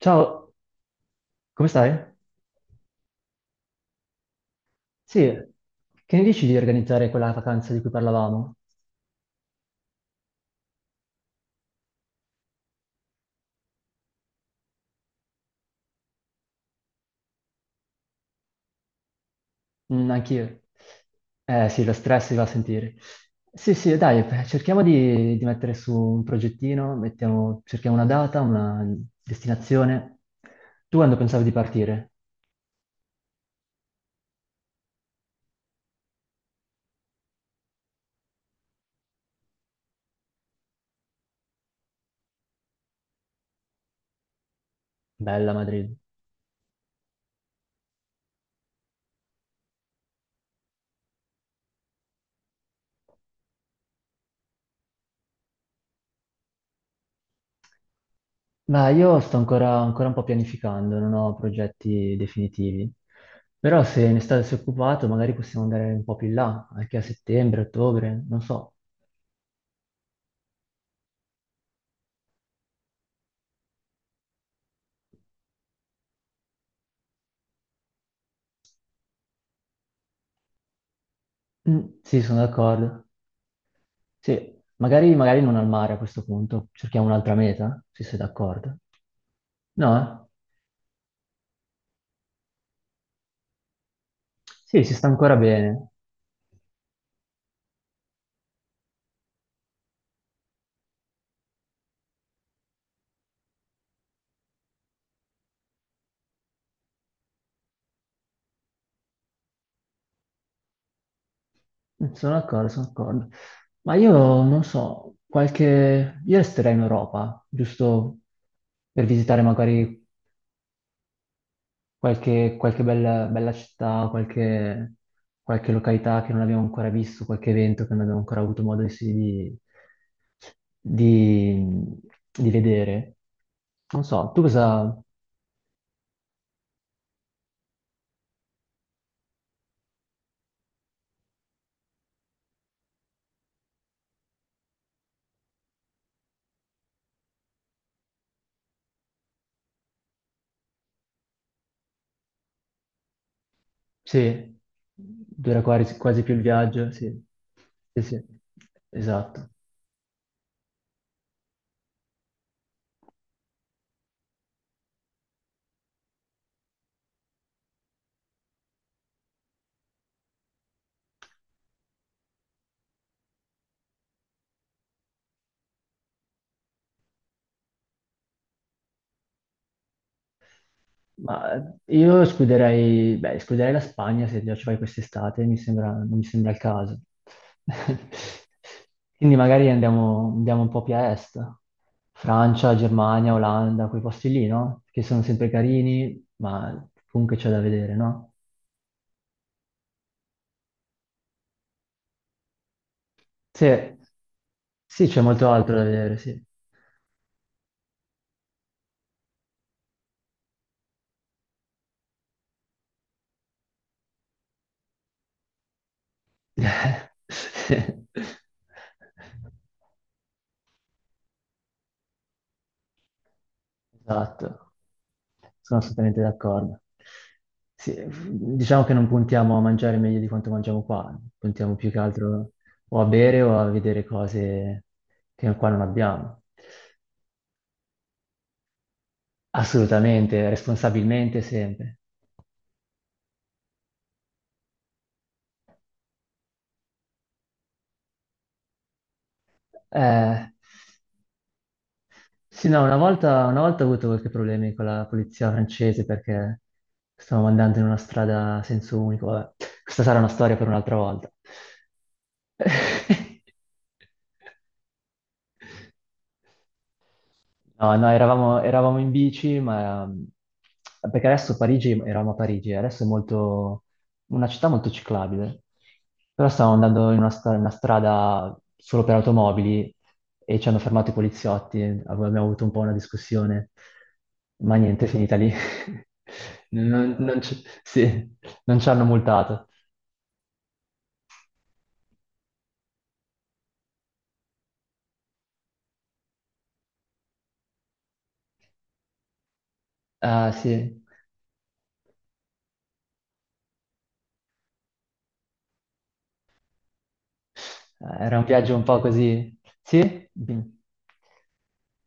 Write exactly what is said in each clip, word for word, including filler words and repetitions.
Ciao, come stai? Sì, che ne dici di organizzare quella vacanza di cui parlavamo? Mm, anch'io. Eh sì, lo stress si va a sentire. Sì, sì, dai, beh, cerchiamo di, di mettere su un progettino, mettiamo- cerchiamo una data, una destinazione. Tu quando pensavi di partire? Bella Madrid. Ma io sto ancora, ancora un po' pianificando, non ho progetti definitivi. Però se ne state occupati magari possiamo andare un po' più in là, anche a settembre, ottobre, non so. Mm, sì, sono d'accordo. Sì, magari, magari non al mare a questo punto, cerchiamo un'altra meta, se sei d'accordo. No? Eh? Sì, si sta ancora bene. Mm, sono d'accordo, sono d'accordo. Ma io non so, qualche... Io resterei in Europa, giusto per visitare magari qualche, qualche bella, bella città, qualche, qualche località che non abbiamo ancora visto, qualche evento che non abbiamo ancora avuto modo di, di- di- di vedere. Non so, tu cosa... Sì, dura quasi, quasi più il viaggio, sì. Sì, sì, esatto. Ma eh, io escluderei, beh, escluderei la Spagna se già ci vai quest'estate, mi sembra, non mi sembra il caso. Quindi magari andiamo, andiamo un po' più a est, Francia, Germania, Olanda, quei posti lì, no? Che sono sempre carini, ma comunque c'è da vedere, no? Sì, sì, c'è molto altro da vedere, sì. Sì. Esatto, sono assolutamente d'accordo. Sì, diciamo che non puntiamo a mangiare meglio di quanto mangiamo qua, puntiamo più che altro o a bere o a vedere cose che qua non abbiamo. Assolutamente, responsabilmente sempre. Eh, sì, no, una volta, una volta ho avuto qualche problemi con la polizia francese perché stavamo andando in una strada a senso unico. Vabbè, questa sarà una storia per un'altra volta. No, no, eravamo, eravamo in bici, ma perché adesso Parigi, eravamo a Parigi, adesso è molto, una città molto ciclabile, però stavamo andando in una, stra- una strada solo per automobili e ci hanno fermato i poliziotti, abbiamo avuto un po' una discussione, ma niente, è finita lì. Non, non ci sì, Non ci hanno multato. Ah, sì. Eh, era un viaggio un po' così. Sì? Mm.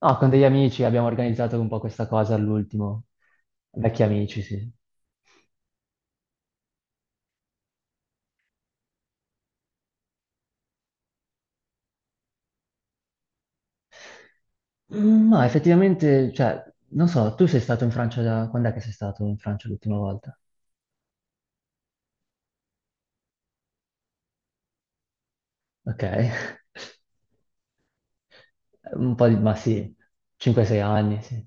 No, con degli amici abbiamo organizzato un po' questa cosa all'ultimo. Vecchi amici, sì. Mm, no, effettivamente, cioè, non so, tu sei stato in Francia da... Quando è che sei stato in Francia l'ultima volta? Ok. Un po' di... ma sì, cinque sei anni, sì.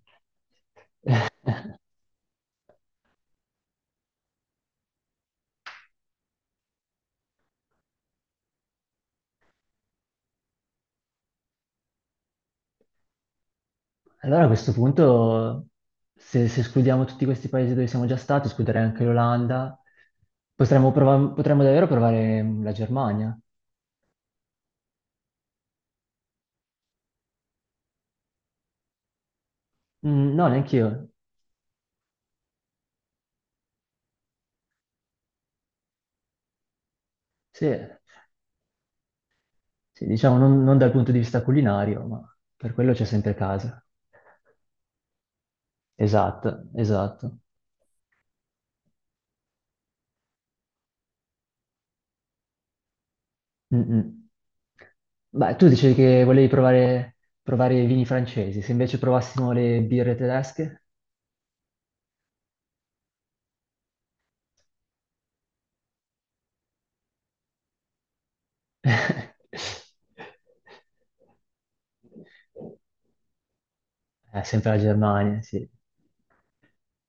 Allora a questo punto, se, se escludiamo tutti questi paesi dove siamo già stati, escluderei anche l'Olanda, potremmo, prova- potremmo davvero provare la Germania. Mm, no, neanche io. Sì, sì, diciamo non, non dal punto di vista culinario, ma per quello c'è sempre casa. Esatto, esatto. Mm, mm. Beh, tu dicevi che volevi provare, provare i vini francesi, se invece provassimo le birre tedesche? Eh, sempre la Germania, sì.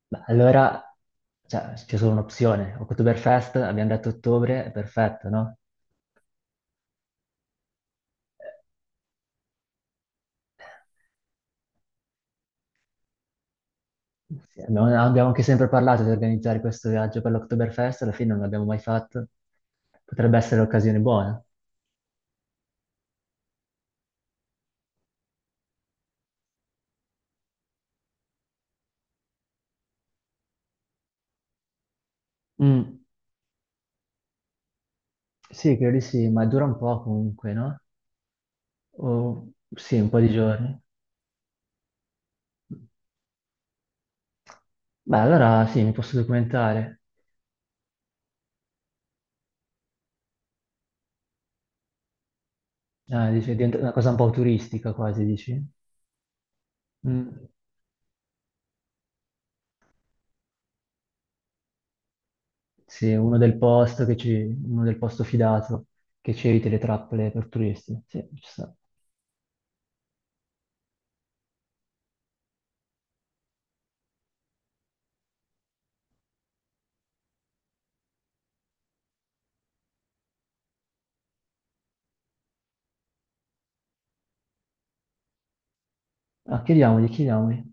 Beh, allora, cioè, c'è solo un'opzione. Oktoberfest, abbiamo detto ottobre, è perfetto, no? Sì, abbiamo, abbiamo anche sempre parlato di organizzare questo viaggio per l'Oktoberfest, alla fine non l'abbiamo mai fatto. Potrebbe essere l'occasione buona. Mm. Sì, credo di sì, ma dura un po' comunque, no? O, sì, un po' di giorni. Beh, allora sì, mi posso documentare. Ah, dice, diventa una cosa un po' turistica quasi, dici? Mm. Sì, uno del posto che ci, uno del posto fidato che ci eviti le trappole per turisti. Sì, ci sta. Ah, chiediamogli, chiediamogli.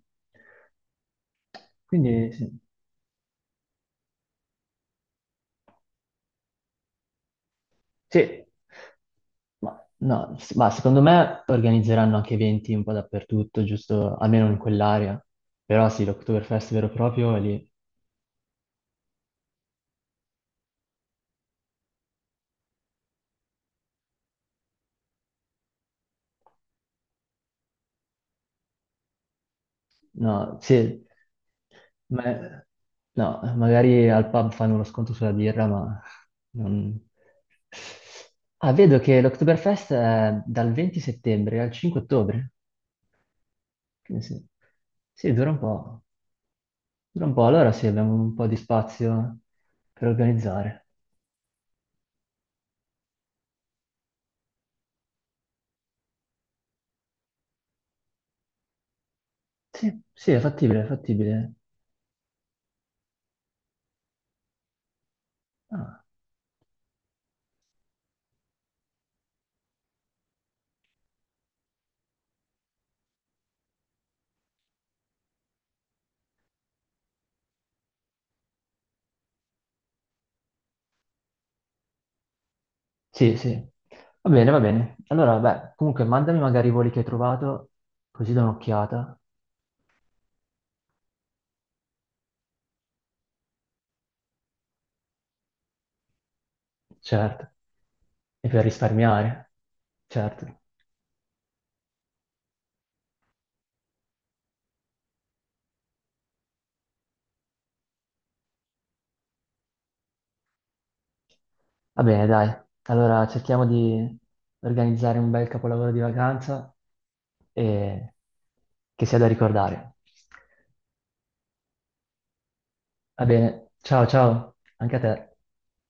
Quindi sì. Sì. Ma, no, s- Ma secondo me organizzeranno anche eventi un po' dappertutto, giusto, almeno in quell'area. Però sì, l'Oktoberfest vero e proprio è lì. No, sì, ma- no, magari al pub fanno uno sconto sulla birra, ma non... Ah, vedo che l'Oktoberfest è dal venti settembre al cinque ottobre. Quindi sì. Sì, dura un po'. Dura un po', allora sì, abbiamo un po' di spazio per organizzare. Sì, sì, è fattibile, è fattibile. Ah. Sì, sì. Va bene, va bene. Allora, beh, comunque mandami magari i voli che hai trovato, così do un'occhiata. Certo. E per risparmiare. Certo. Va bene, dai. Allora cerchiamo di organizzare un bel capolavoro di vacanza e che sia da ricordare. Va bene. Ciao, ciao. Anche a te.